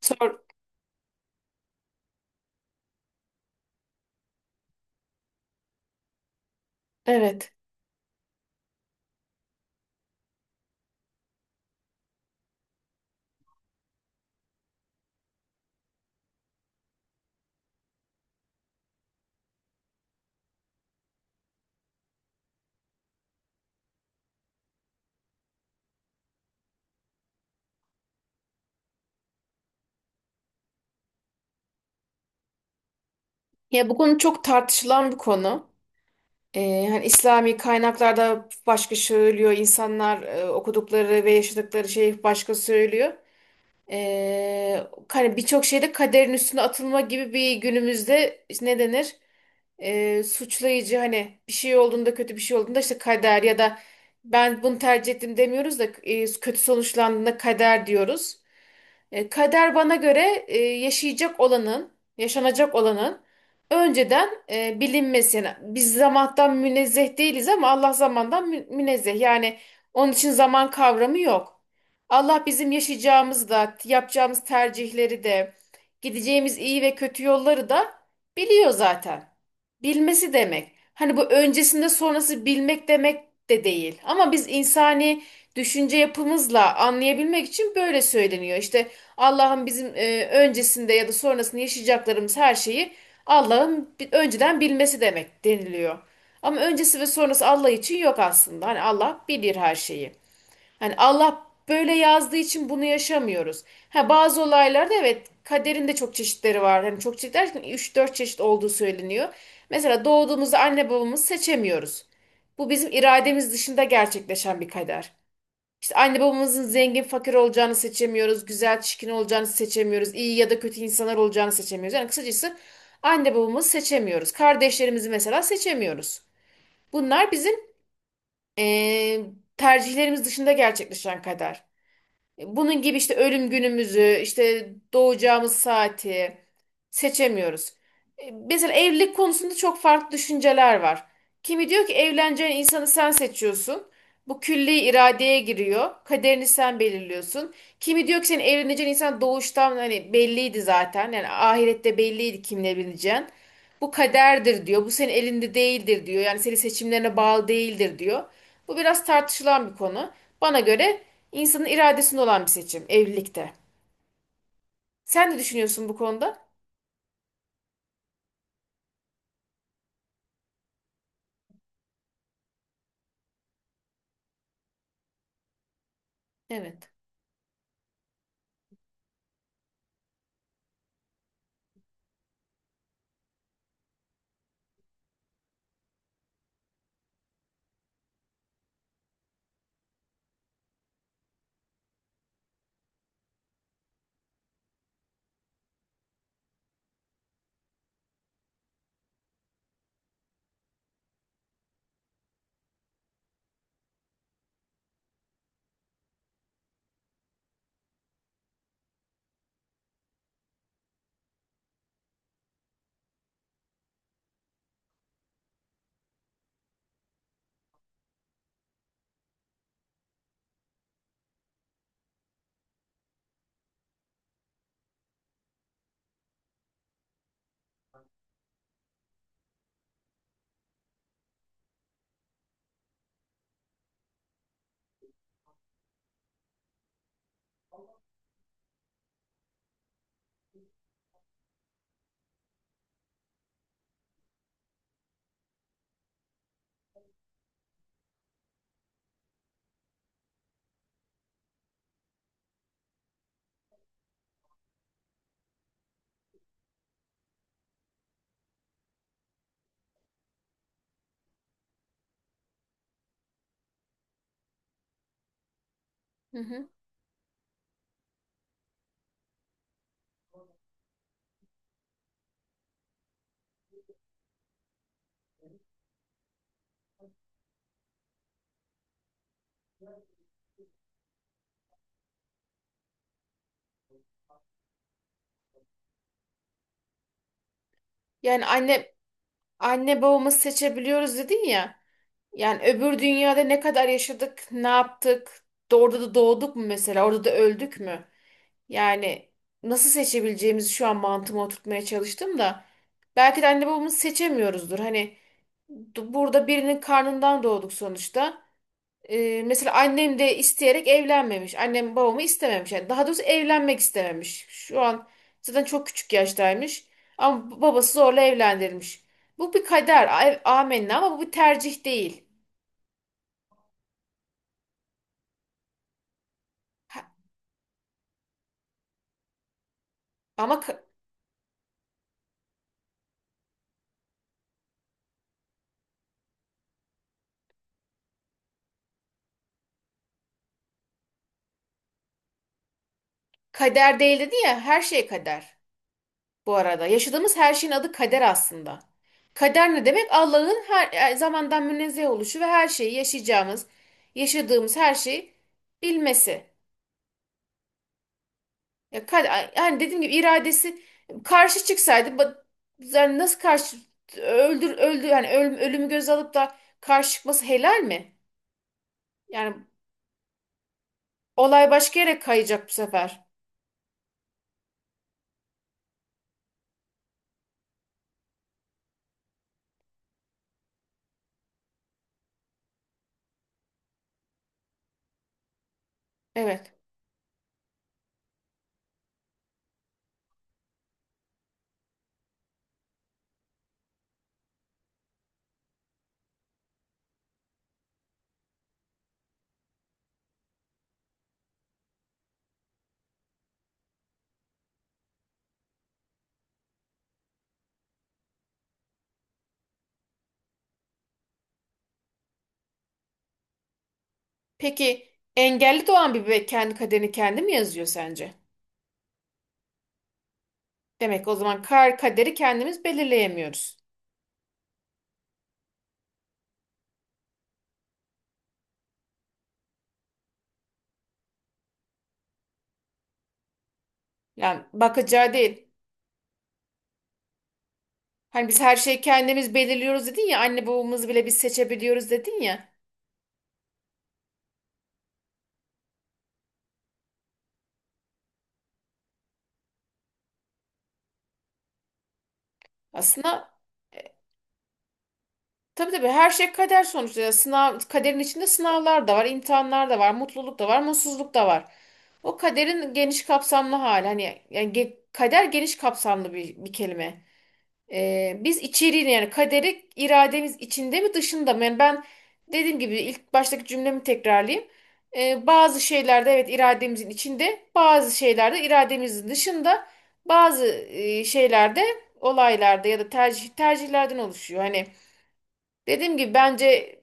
Sor, evet. Ya bu konu çok tartışılan bir konu. Hani İslami kaynaklarda başka söylüyor, insanlar okudukları ve yaşadıkları şey başka söylüyor. Hani birçok şeyde kaderin üstüne atılma gibi bir günümüzde işte ne denir? Suçlayıcı hani bir şey olduğunda, kötü bir şey olduğunda işte kader, ya da ben bunu tercih ettim demiyoruz da kötü sonuçlandığında kader diyoruz. Kader bana göre yaşayacak olanın, yaşanacak olanın önceden bilinmesi. Yani biz zamandan münezzeh değiliz ama Allah zamandan münezzeh. Yani onun için zaman kavramı yok. Allah bizim yaşayacağımız da, yapacağımız tercihleri de, gideceğimiz iyi ve kötü yolları da biliyor zaten. Bilmesi demek. Hani bu öncesinde sonrası bilmek demek de değil. Ama biz insani düşünce yapımızla anlayabilmek için böyle söyleniyor. İşte Allah'ın bizim öncesinde ya da sonrasında yaşayacaklarımız her şeyi Allah'ın önceden bilmesi demek deniliyor. Ama öncesi ve sonrası Allah için yok aslında. Hani Allah bilir her şeyi. Hani Allah böyle yazdığı için bunu yaşamıyoruz. Ha bazı olaylarda evet, kaderin de çok çeşitleri var. Hani çok çeşit derken 3-4 çeşit olduğu söyleniyor. Mesela doğduğumuzda anne babamızı seçemiyoruz. Bu bizim irademiz dışında gerçekleşen bir kader. İşte anne babamızın zengin fakir olacağını seçemiyoruz, güzel çirkin olacağını seçemiyoruz, iyi ya da kötü insanlar olacağını seçemiyoruz. Yani kısacası anne babamızı seçemiyoruz. Kardeşlerimizi mesela seçemiyoruz. Bunlar bizim eee, tercihlerimiz dışında gerçekleşen kader. Bunun gibi işte ölüm günümüzü, işte doğacağımız saati seçemiyoruz. Mesela evlilik konusunda çok farklı düşünceler var. Kimi diyor ki evleneceğin insanı sen seçiyorsun. Bu külli iradeye giriyor. Kaderini sen belirliyorsun. Kimi diyor ki senin evleneceğin insan doğuştan hani belliydi zaten. Yani ahirette belliydi kimle evleneceğin. Bu kaderdir diyor. Bu senin elinde değildir diyor. Yani senin seçimlerine bağlı değildir diyor. Bu biraz tartışılan bir konu. Bana göre İnsanın iradesinde olan bir seçim evlilikte. Sen ne düşünüyorsun bu konuda? Evet. Hı hı. Yani anne babamızı seçebiliyoruz dedin ya. Yani öbür dünyada ne kadar yaşadık, ne yaptık, orada da doğduk mu mesela, orada da öldük mü? Yani nasıl seçebileceğimizi şu an mantığıma oturtmaya çalıştım da belki de anne babamızı seçemiyoruzdur. Hani burada birinin karnından doğduk sonuçta. Mesela annem de isteyerek evlenmemiş. Annem babamı istememiş. Yani daha doğrusu evlenmek istememiş. Şu an zaten çok küçük yaştaymış. Ama babası zorla evlendirilmiş. Bu bir kader. Amenna, ama bu bir tercih değil. Ha- ama ka- Kader değil dedi ya, her şey kader bu arada. Yaşadığımız her şeyin adı kader aslında. Kader ne demek? Allah'ın her zamandan münezzeh oluşu ve her şeyi yaşayacağımız, yaşadığımız her şeyi bilmesi. Ya, yani dediğim gibi iradesi karşı çıksaydı yani nasıl karşı, öldü yani ölüm, ölümü göz alıp da karşı çıkması helal mi? Yani olay başka yere kayacak bu sefer. Evet. Peki engelli doğan bir bebek kendi kaderini kendi mi yazıyor sence? Demek o zaman kaderi kendimiz belirleyemiyoruz. Yani bakacağı değil. Hani biz her şeyi kendimiz belirliyoruz dedin ya, anne babamızı bile biz seçebiliyoruz dedin ya. Aslında tabii, tabii her şey kader sonuçta. Yani sınav, kaderin içinde sınavlar da var, imtihanlar da var, mutluluk da var, mutsuzluk da var. O kaderin geniş kapsamlı hali. Hani yani kader geniş kapsamlı bir kelime. Biz içeriğini, yani kaderi irademiz içinde mi dışında mı? Yani ben dediğim gibi ilk baştaki cümlemi tekrarlayayım. Bazı şeylerde evet irademizin içinde, bazı şeylerde irademizin dışında, bazı şeylerde, olaylarda ya da tercihlerden oluşuyor. Hani dediğim gibi bence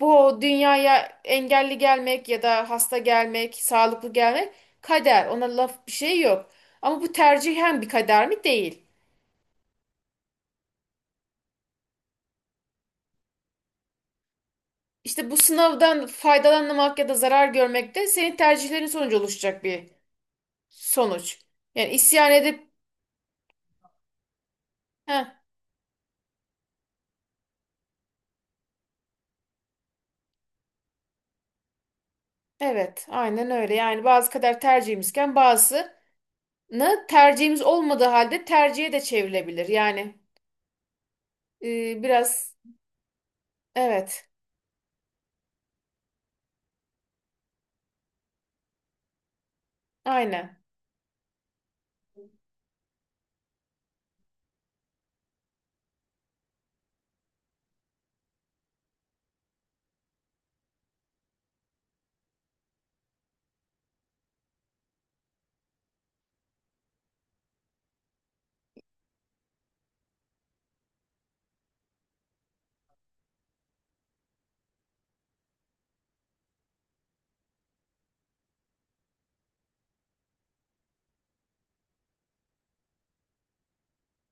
bu dünyaya engelli gelmek ya da hasta gelmek, sağlıklı gelmek kader. Ona laf bir şey yok. Ama bu tercihen bir kader mi? Değil. İşte bu sınavdan faydalanmak ya da zarar görmek de senin tercihlerin sonucu oluşacak bir sonuç. Yani isyan edip heh, evet, aynen öyle. Yani bazı kader tercihimizken bazısını tercihimiz olmadığı halde tercihe de çevrilebilir. Yani biraz evet, aynen,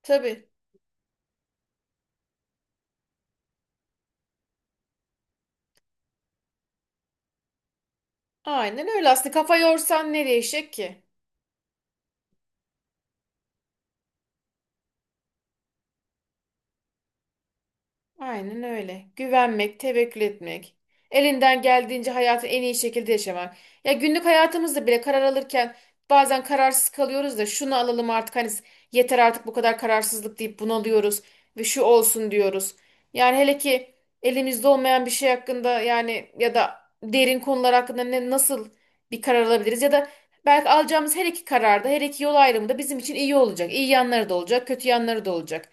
tabii. Aynen öyle, aslında kafa yorsan nereye değişecek ki? Aynen öyle. Güvenmek, tevekkül etmek. Elinden geldiğince hayatı en iyi şekilde yaşamak. Ya günlük hayatımızda bile karar alırken bazen kararsız kalıyoruz da, şunu alalım artık hani yeter artık bu kadar kararsızlık deyip bunalıyoruz ve şu olsun diyoruz. Yani hele ki elimizde olmayan bir şey hakkında, yani ya da derin konular hakkında ne nasıl bir karar alabiliriz, ya da belki alacağımız her iki kararda, her iki yol ayrımında bizim için iyi olacak. İyi yanları da olacak, kötü yanları da olacak.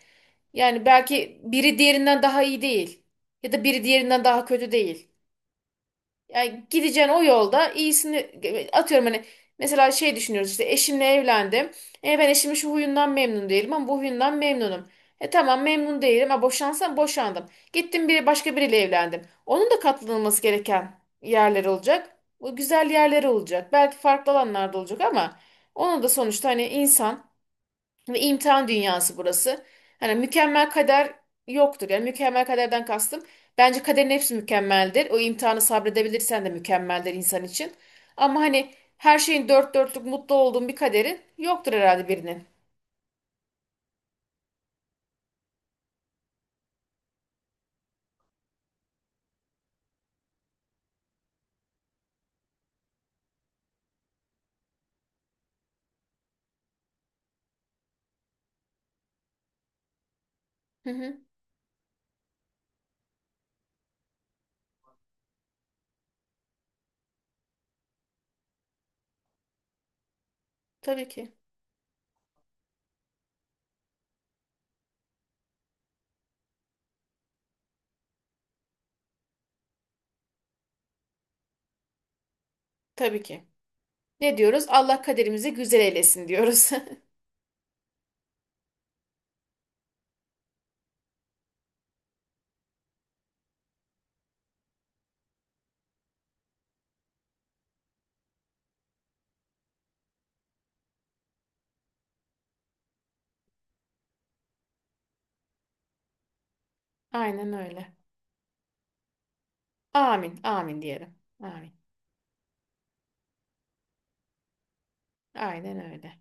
Yani belki biri diğerinden daha iyi değil. Ya da biri diğerinden daha kötü değil. Yani gideceğin o yolda iyisini, atıyorum hani, mesela şey düşünüyoruz, işte eşimle evlendim. E ben eşimin şu huyundan memnun değilim ama bu huyundan memnunum. E tamam, memnun değilim. Ha boşansam boşandım. Gittim bir başka biriyle evlendim. Onun da katlanılması gereken yerler olacak. O güzel yerleri olacak. Belki farklı alanlarda olacak ama onun da sonuçta hani insan ve imtihan dünyası burası. Hani mükemmel kader yoktur. Yani mükemmel kaderden kastım, bence kaderin hepsi mükemmeldir. O imtihanı sabredebilirsen de mükemmeldir insan için. Ama hani her şeyin dört dörtlük mutlu olduğun bir kaderi yoktur herhalde birinin. Hı hı, tabii ki. Tabii ki. Ne diyoruz? Allah kaderimizi güzel eylesin diyoruz. Aynen öyle. Amin, amin diyelim. Amin. Aynen öyle.